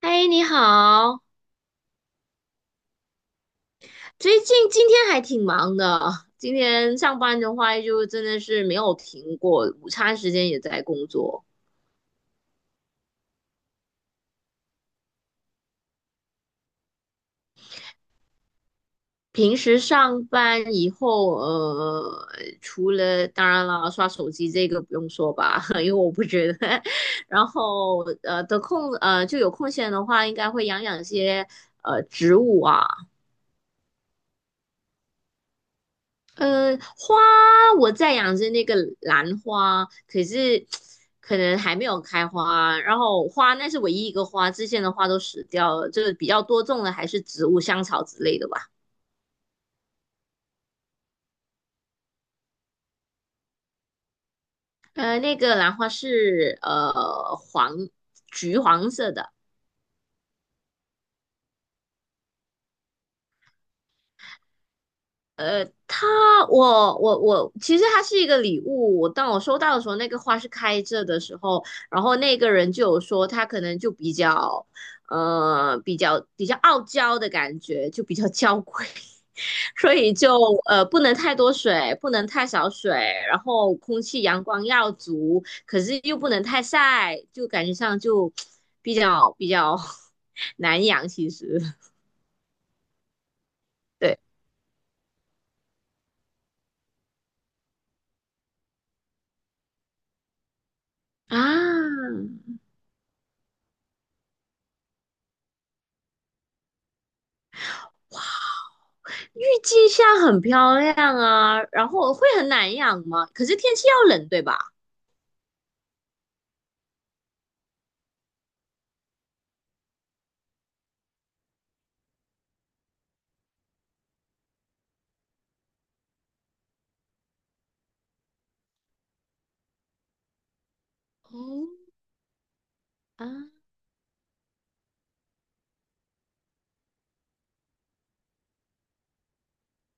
嗨，你好。最近今天还挺忙的，今天上班的话就真的是没有停过，午餐时间也在工作。平时上班以后，除了当然了，刷手机这个不用说吧，因为我不觉得。然后得空就有空闲的话，应该会养养些植物啊，花我在养着那个兰花，可是可能还没有开花。然后那是唯一一个花，之前的花都死掉了。这个比较多种的还是植物、香草之类的吧。那个兰花是橘黄色的。它，我其实它是一个礼物。当我收到的时候，那个花是开着的时候，然后那个人就有说他可能就比较，比较傲娇的感觉，就比较娇贵，所以就不能太多水，不能太少水，然后空气阳光要足，可是又不能太晒，就感觉上就 比较 难养。其实，对啊，郁金香很漂亮啊，然后会很难养吗？可是天气要冷，对吧？哦，啊，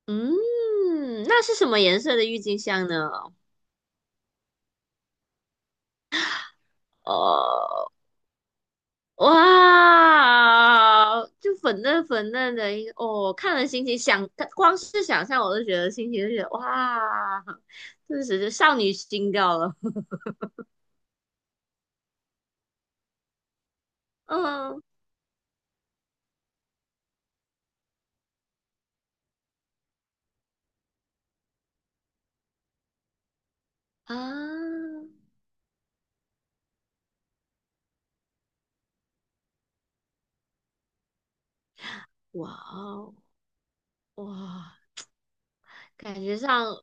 嗯，那是什么颜色的郁金香呢？哦，哇，就粉嫩粉嫩的一个，哦，看了心情想，光是想象我都觉得心情就觉得哇，顿时就少女心掉了。嗯啊，哇哦，哇，感觉上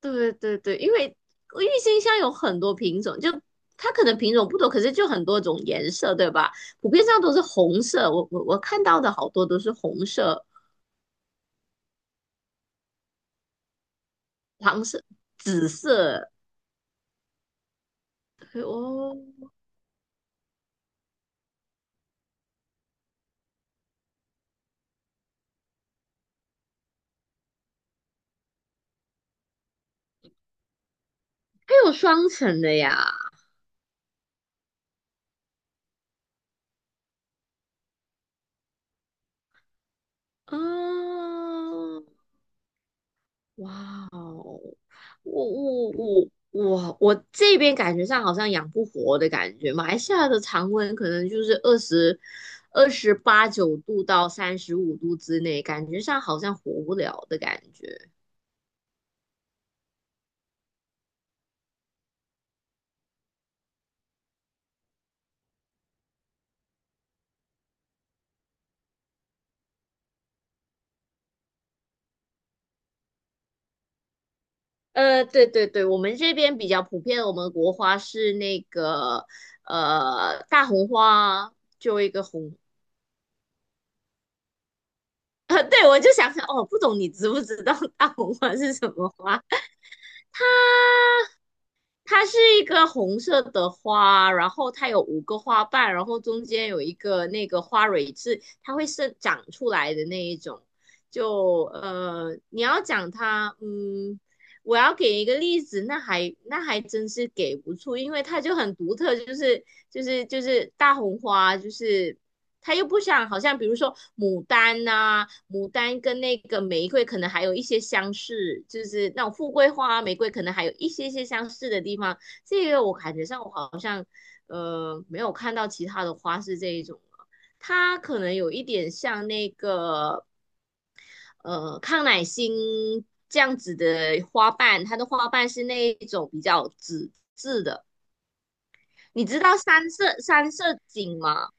对对对，因为郁金香有很多品种，就它可能品种不多，可是就很多种颜色，对吧？普遍上都是红色，我看到的好多都是红色、黄色、紫，哦，还有双层的呀。嗯，哇哦，我这边感觉上好像养不活的感觉，马来西亚的常温可能就是二十八九度到35度之内，感觉上好像活不了的感觉。对对对，我们这边比较普遍的，我们的国花是那个大红花，就一个红。对，我就想想，哦，不懂你知不知道大红花是什么花？它是一个红色的花，然后它有五个花瓣，然后中间有一个那个花蕊是它会生长出来的那一种。就你要讲它，嗯，我要给一个例子，那还真是给不出，因为它就很独特，就是大红花，就是他又不想，好像比如说牡丹跟那个玫瑰可能还有一些相似，就是那种富贵花、玫瑰可能还有一些些相似的地方。这个我感觉上我好像没有看到其他的花是这一种了，它可能有一点像那个康乃馨这样子的花瓣，它的花瓣是那一种比较纸质的。你知道三色堇吗？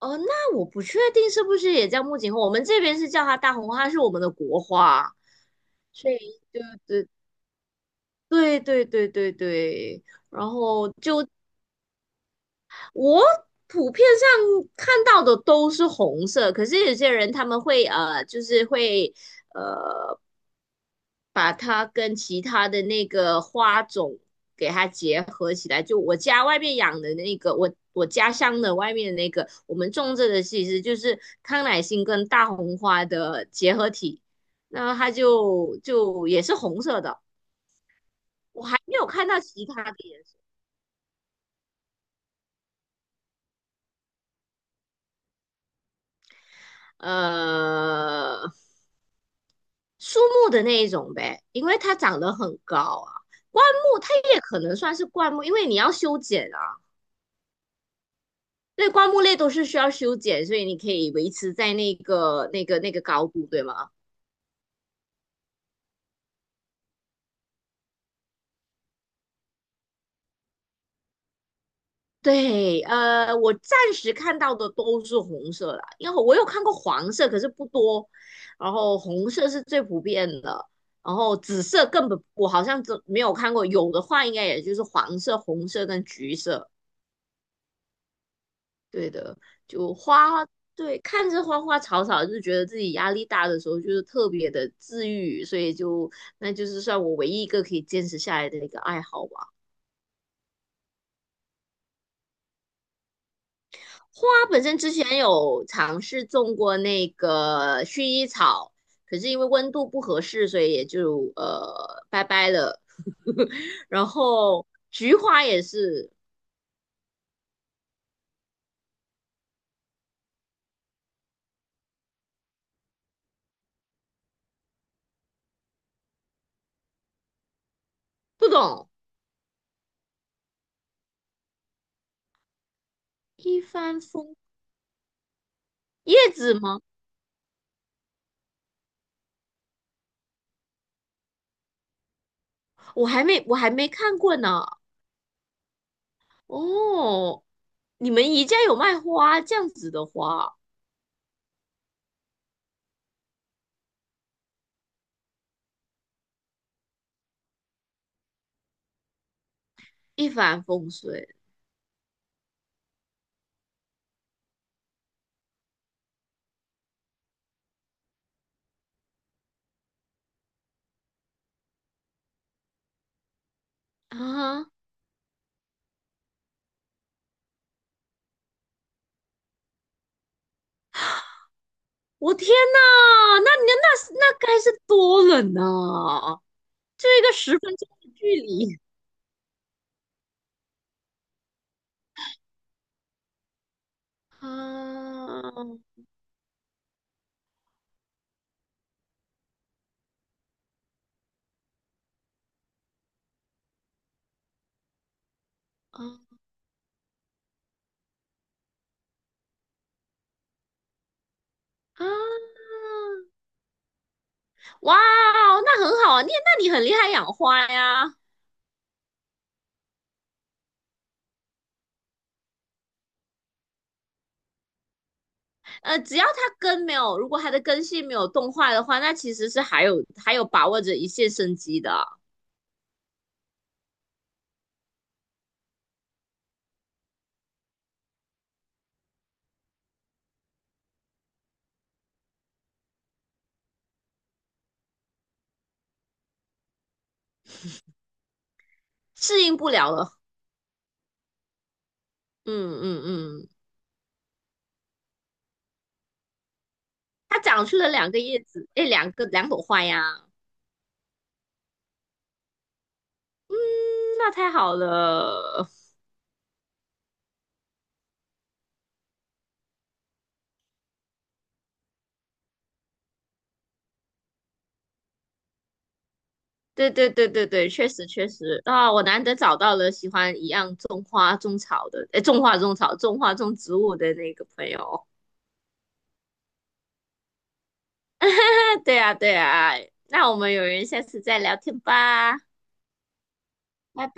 哦，那我不确定是不是也叫木槿花，我们这边是叫它大红花，它是我们的国花，所以对对对对对对对，然后就我普遍上看到的都是红色，可是有些人他们会就是会把它跟其他的那个花种给它结合起来。就我家外面养的那个，我家乡的外面的那个，我们种这个其实就是康乃馨跟大红花的结合体，那它就也是红色的。我还没有看到其他的颜色，呃，树木的那一种呗，因为它长得很高啊。灌木它也可能算是灌木，因为你要修剪啊。对，灌木类都是需要修剪，所以你可以维持在那个高度，对吗？对，我暂时看到的都是红色啦，因为我有看过黄色，可是不多。然后红色是最普遍的，然后紫色根本我好像只没有看过，有的话应该也就是黄色、红色跟橘色。对的，就花，对，看着花花草草，就觉得自己压力大的时候，就是特别的治愈，所以就那就是算我唯一一个可以坚持下来的一个爱好吧。花本身之前有尝试种过那个薰衣草，可是因为温度不合适，所以也就拜拜了。然后菊花也是不懂，一帆风叶子吗？我还没看过呢。哦，你们宜家有卖花这样子的花，一帆风顺啊！我天呐，那你那该是多冷呐，就一个10分钟的距离啊啊啊！哇哦那很好啊，你很厉害养花呀。只要它根没有，如果它的根系没有冻坏的话，那其实是还有把握着一线生机的，适应不了了。嗯嗯嗯。它长出了两个叶子，哎，两朵花呀，嗯那太好了。对对对对对，确实确实啊，我难得找到了喜欢一样种花种草的，哎，种花种草、种花种植物的那个朋友。对啊对啊，哎那我们有缘下次再聊天吧，拜拜。